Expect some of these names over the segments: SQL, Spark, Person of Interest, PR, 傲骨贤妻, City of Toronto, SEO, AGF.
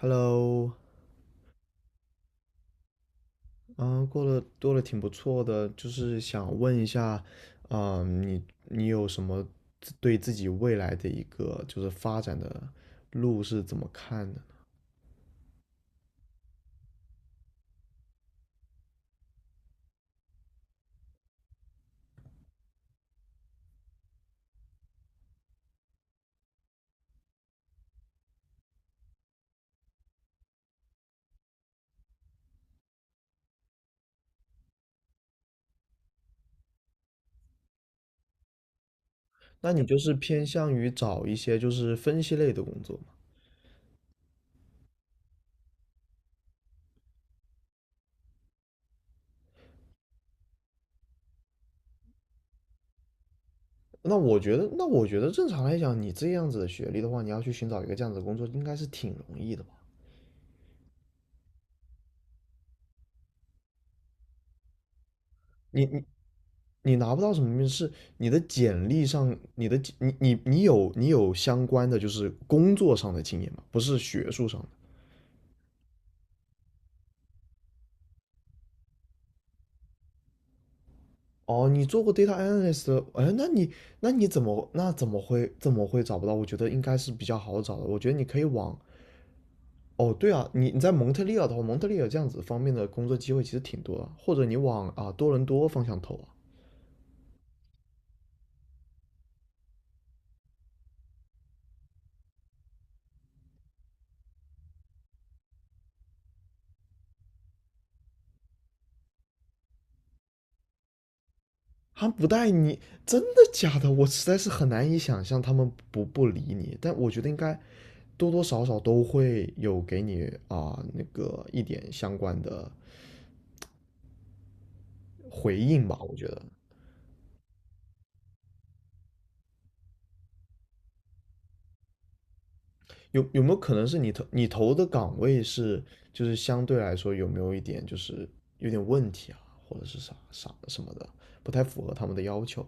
Hello，嗯，过得挺不错的，就是想问一下，你有什么对自己未来的一个就是发展的路是怎么看的呢？那你就是偏向于找一些就是分析类的工作吗？那我觉得正常来讲，你这样子的学历的话，你要去寻找一个这样子的工作，应该是挺容易的吧？你你你拿不到什么面试，你的简历上，你的你你你有你有相关的就是工作上的经验吗？不是学术上的。哦，你做过 data analyst。哎，那你怎么会找不到？我觉得应该是比较好找的。我觉得你可以往，哦，对啊，你在蒙特利尔的话，蒙特利尔这样子方面的工作机会其实挺多的，或者你往多伦多方向投啊。他们不带你，真的假的？我实在是很难以想象他们不理你，但我觉得应该多多少少都会有给你那个一点相关的回应吧。我觉得有没有可能是你投的岗位是就是相对来说有没有一点就是有点问题啊，或者是啥什么的，不太符合他们的要求？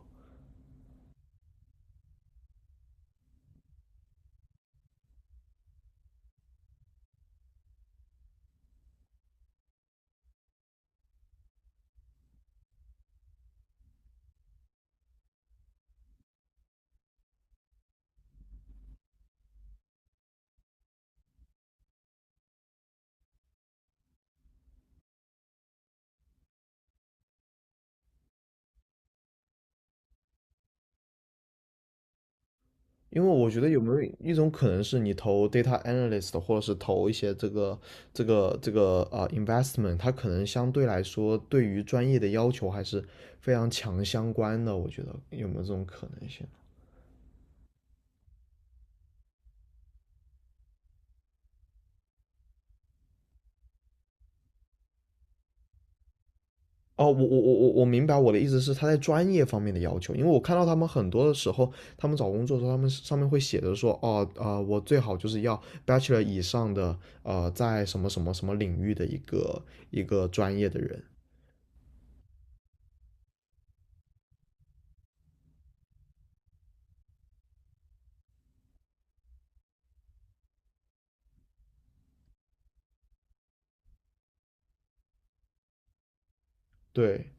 因为我觉得有没有一种可能是你投 data analyst，或者是投一些这个 investment，它可能相对来说对于专业的要求还是非常强相关的。我觉得有没有这种可能性？哦，我明白我的意思是他在专业方面的要求，因为我看到他们很多的时候，他们找工作的时候，他们上面会写着说，哦，啊，我最好就是要 bachelor 以上的，在什么什么什么领域的一个专业的人。对。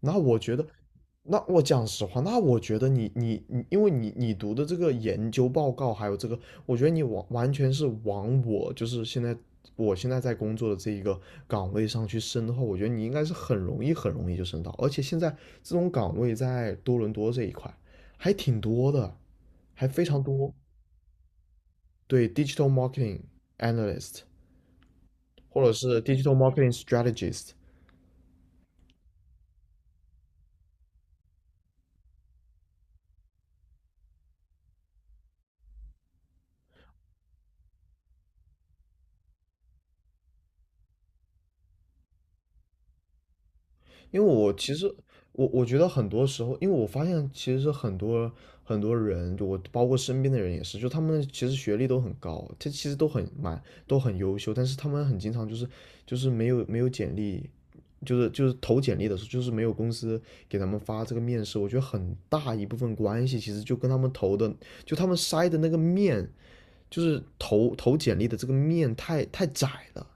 那我觉得，那我讲实话，那我觉得你，因为你读的这个研究报告，还有这个，我觉得你完全是往我就是现在我现在在工作的这一个岗位上去升的话，我觉得你应该是很容易很容易就升到，而且现在这种岗位在多伦多这一块还挺多的，还非常多。对，digital marketing analyst 或者是 digital marketing strategist。因为我其实我我觉得很多时候，因为我发现其实很多很多人，就我包括身边的人也是，就他们其实学历都很高，这其实都很蛮都很优秀，但是他们很经常就是没有简历，就是投简历的时候，就是没有公司给他们发这个面试，我觉得很大一部分关系其实就跟他们投的，就他们筛的那个面就是投简历的这个面太窄了，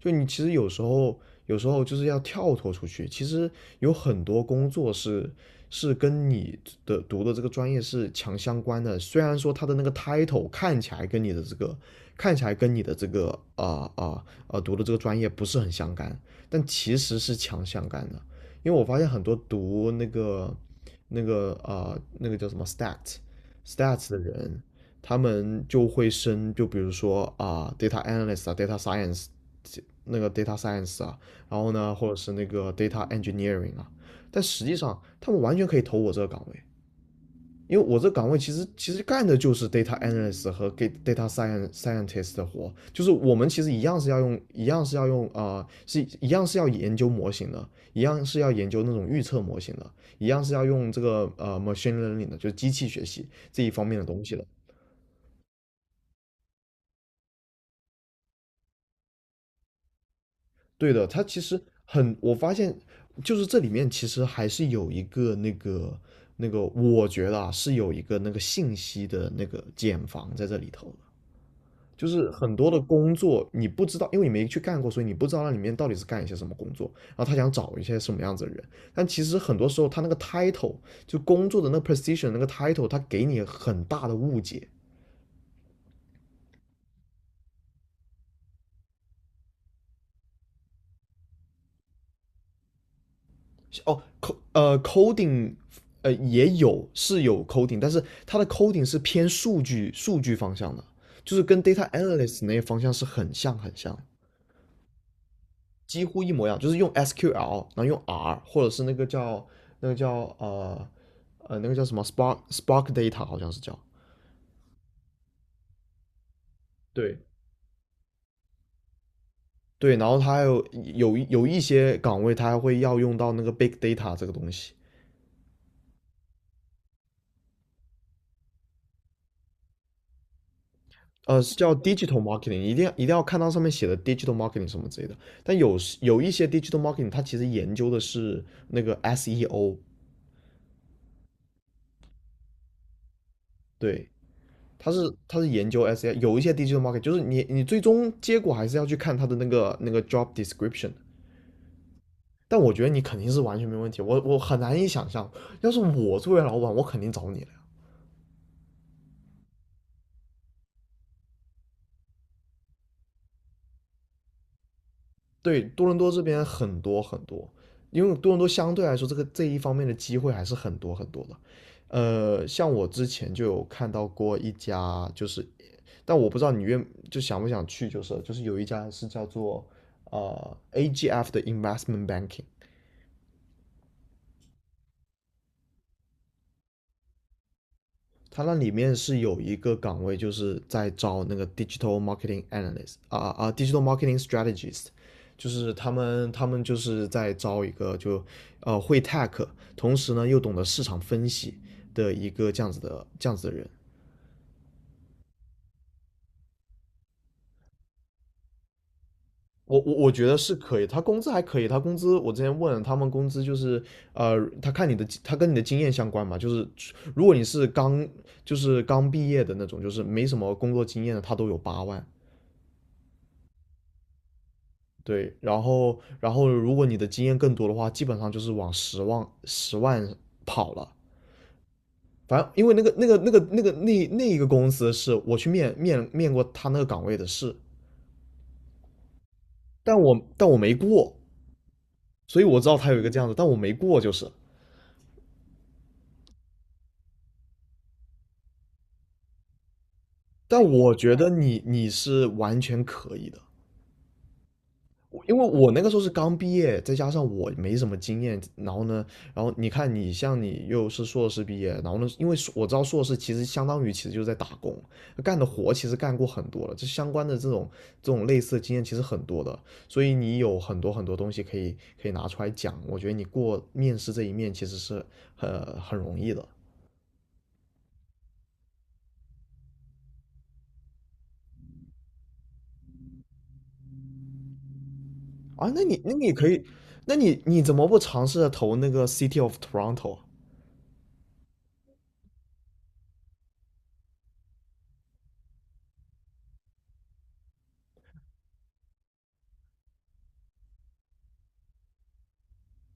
就你其实有时候就是要跳脱出去，其实有很多工作是是跟你的读的这个专业是强相关的，虽然说他的那个 title 看起来跟你的这个读的这个专业不是很相干，但其实是强相干的，因为我发现很多读那个那个叫什么 stat。stats 的人，他们就会升，就比如说d a t a analyst 啊，data science，那个 data science 啊，然后呢，或者是那个 data engineering 啊，但实际上他们完全可以投我这个岗位，因为我这个岗位其实其实干的就是 data analyst 和 data science scientist 的活，就是我们其实一样是要用，一样是要用是一样是要研究模型的，一样是要研究那种预测模型的，一样是要用这个machine learning 的，就是机器学习这一方面的东西的。对的，他其实很，我发现就是这里面其实还是有一个那个，我觉得是有一个那个信息的那个茧房在这里头的就是很多的工作你不知道，因为你没去干过，所以你不知道那里面到底是干一些什么工作，然后他想找一些什么样子的人，但其实很多时候他那个 title 就工作的那个 position 那个 title，他给你很大的误解。哦，coding 也有是有 coding，但是它的 coding 是偏数据方向的，就是跟 data analyst 那些方向是很像很像，几乎一模一样，就是用 SQL，然后用 R，或者是那个叫那个叫呃那个叫什么 Spark Data 好像是叫，对，对，然后它还有一些岗位它还会要用到那个 big data 这个东西。是叫 digital marketing，一定要一定要看到上面写的 digital marketing 什么之类的。但有时有一些 digital marketing，它其实研究的是那个 SEO。对，它是它是研究 SEO。有一些 digital marketing 就是你你最终结果还是要去看它的那个那个 job description。但我觉得你肯定是完全没问题，我很难以想象，要是我作为老板，我肯定找你了。对，多伦多这边很多很多，因为多伦多相对来说这个这一方面的机会还是很多很多的。像我之前就有看到过一家，就是，但我不知道你愿就想不想去，就是有一家是叫做AGF 的 Investment Banking，它那里面是有一个岗位，就是在招那个 digital marketing analyst d i g i t a l marketing strategist，就是他们就是在招一个就会 tech，同时呢又懂得市场分析的一个这样子的人。我觉得是可以，他工资还可以，他工资我之前问了，他们工资就是呃，他看你的他跟你的经验相关嘛，就是如果你是刚就是刚毕业的那种，就是没什么工作经验的，他都有8万。对，然后如果你的经验更多的话，基本上就是往十万跑了。反正因为那一个公司是我去面过他那个岗位的试，但我没过，所以我知道他有一个这样子，但我没过就是。但我觉得你你是完全可以的，我因为我那个时候是刚毕业，再加上我没什么经验，然后呢，然后你看你像你又是硕士毕业，然后呢，因为我知道硕士其实相当于其实就是在打工，干的活其实干过很多了，这相关的这种类似的经验其实很多的，所以你有很多很多东西可以拿出来讲，我觉得你过面试这一面其实是很容易的。啊，那你可以。那你怎么不尝试着投那个 City of Toronto？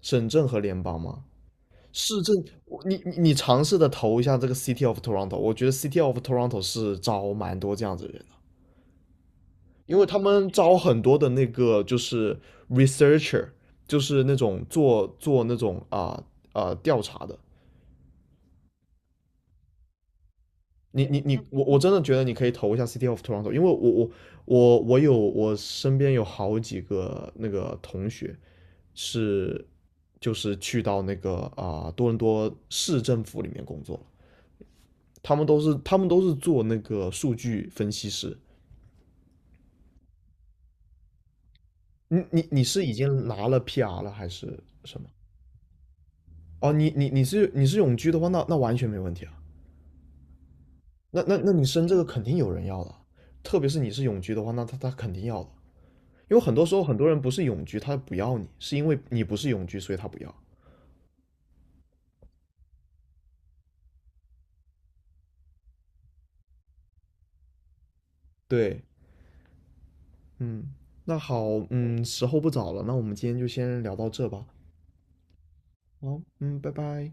省政和联邦吗？市政。我你你你尝试的投一下这个 City of Toronto，我觉得 City of Toronto 是招蛮多这样子的人的，因为他们招很多的那个就是 researcher，就是那种做那种调查的。你，我真的觉得你可以投一下 City of Toronto，因为我身边有好几个那个同学是去到那个多伦多市政府里面工作，他们都是做那个数据分析师。你是已经拿了 PR 了还是什么？哦，你是永居的话，那完全没问题啊。那你升这个肯定有人要的啊，特别是你是永居的话，那他肯定要的啊。因为很多时候很多人不是永居，他不要你，是因为你不是永居，所以他不要。对，嗯，那好，嗯，时候不早了，那我们今天就先聊到这吧。好，嗯，拜拜。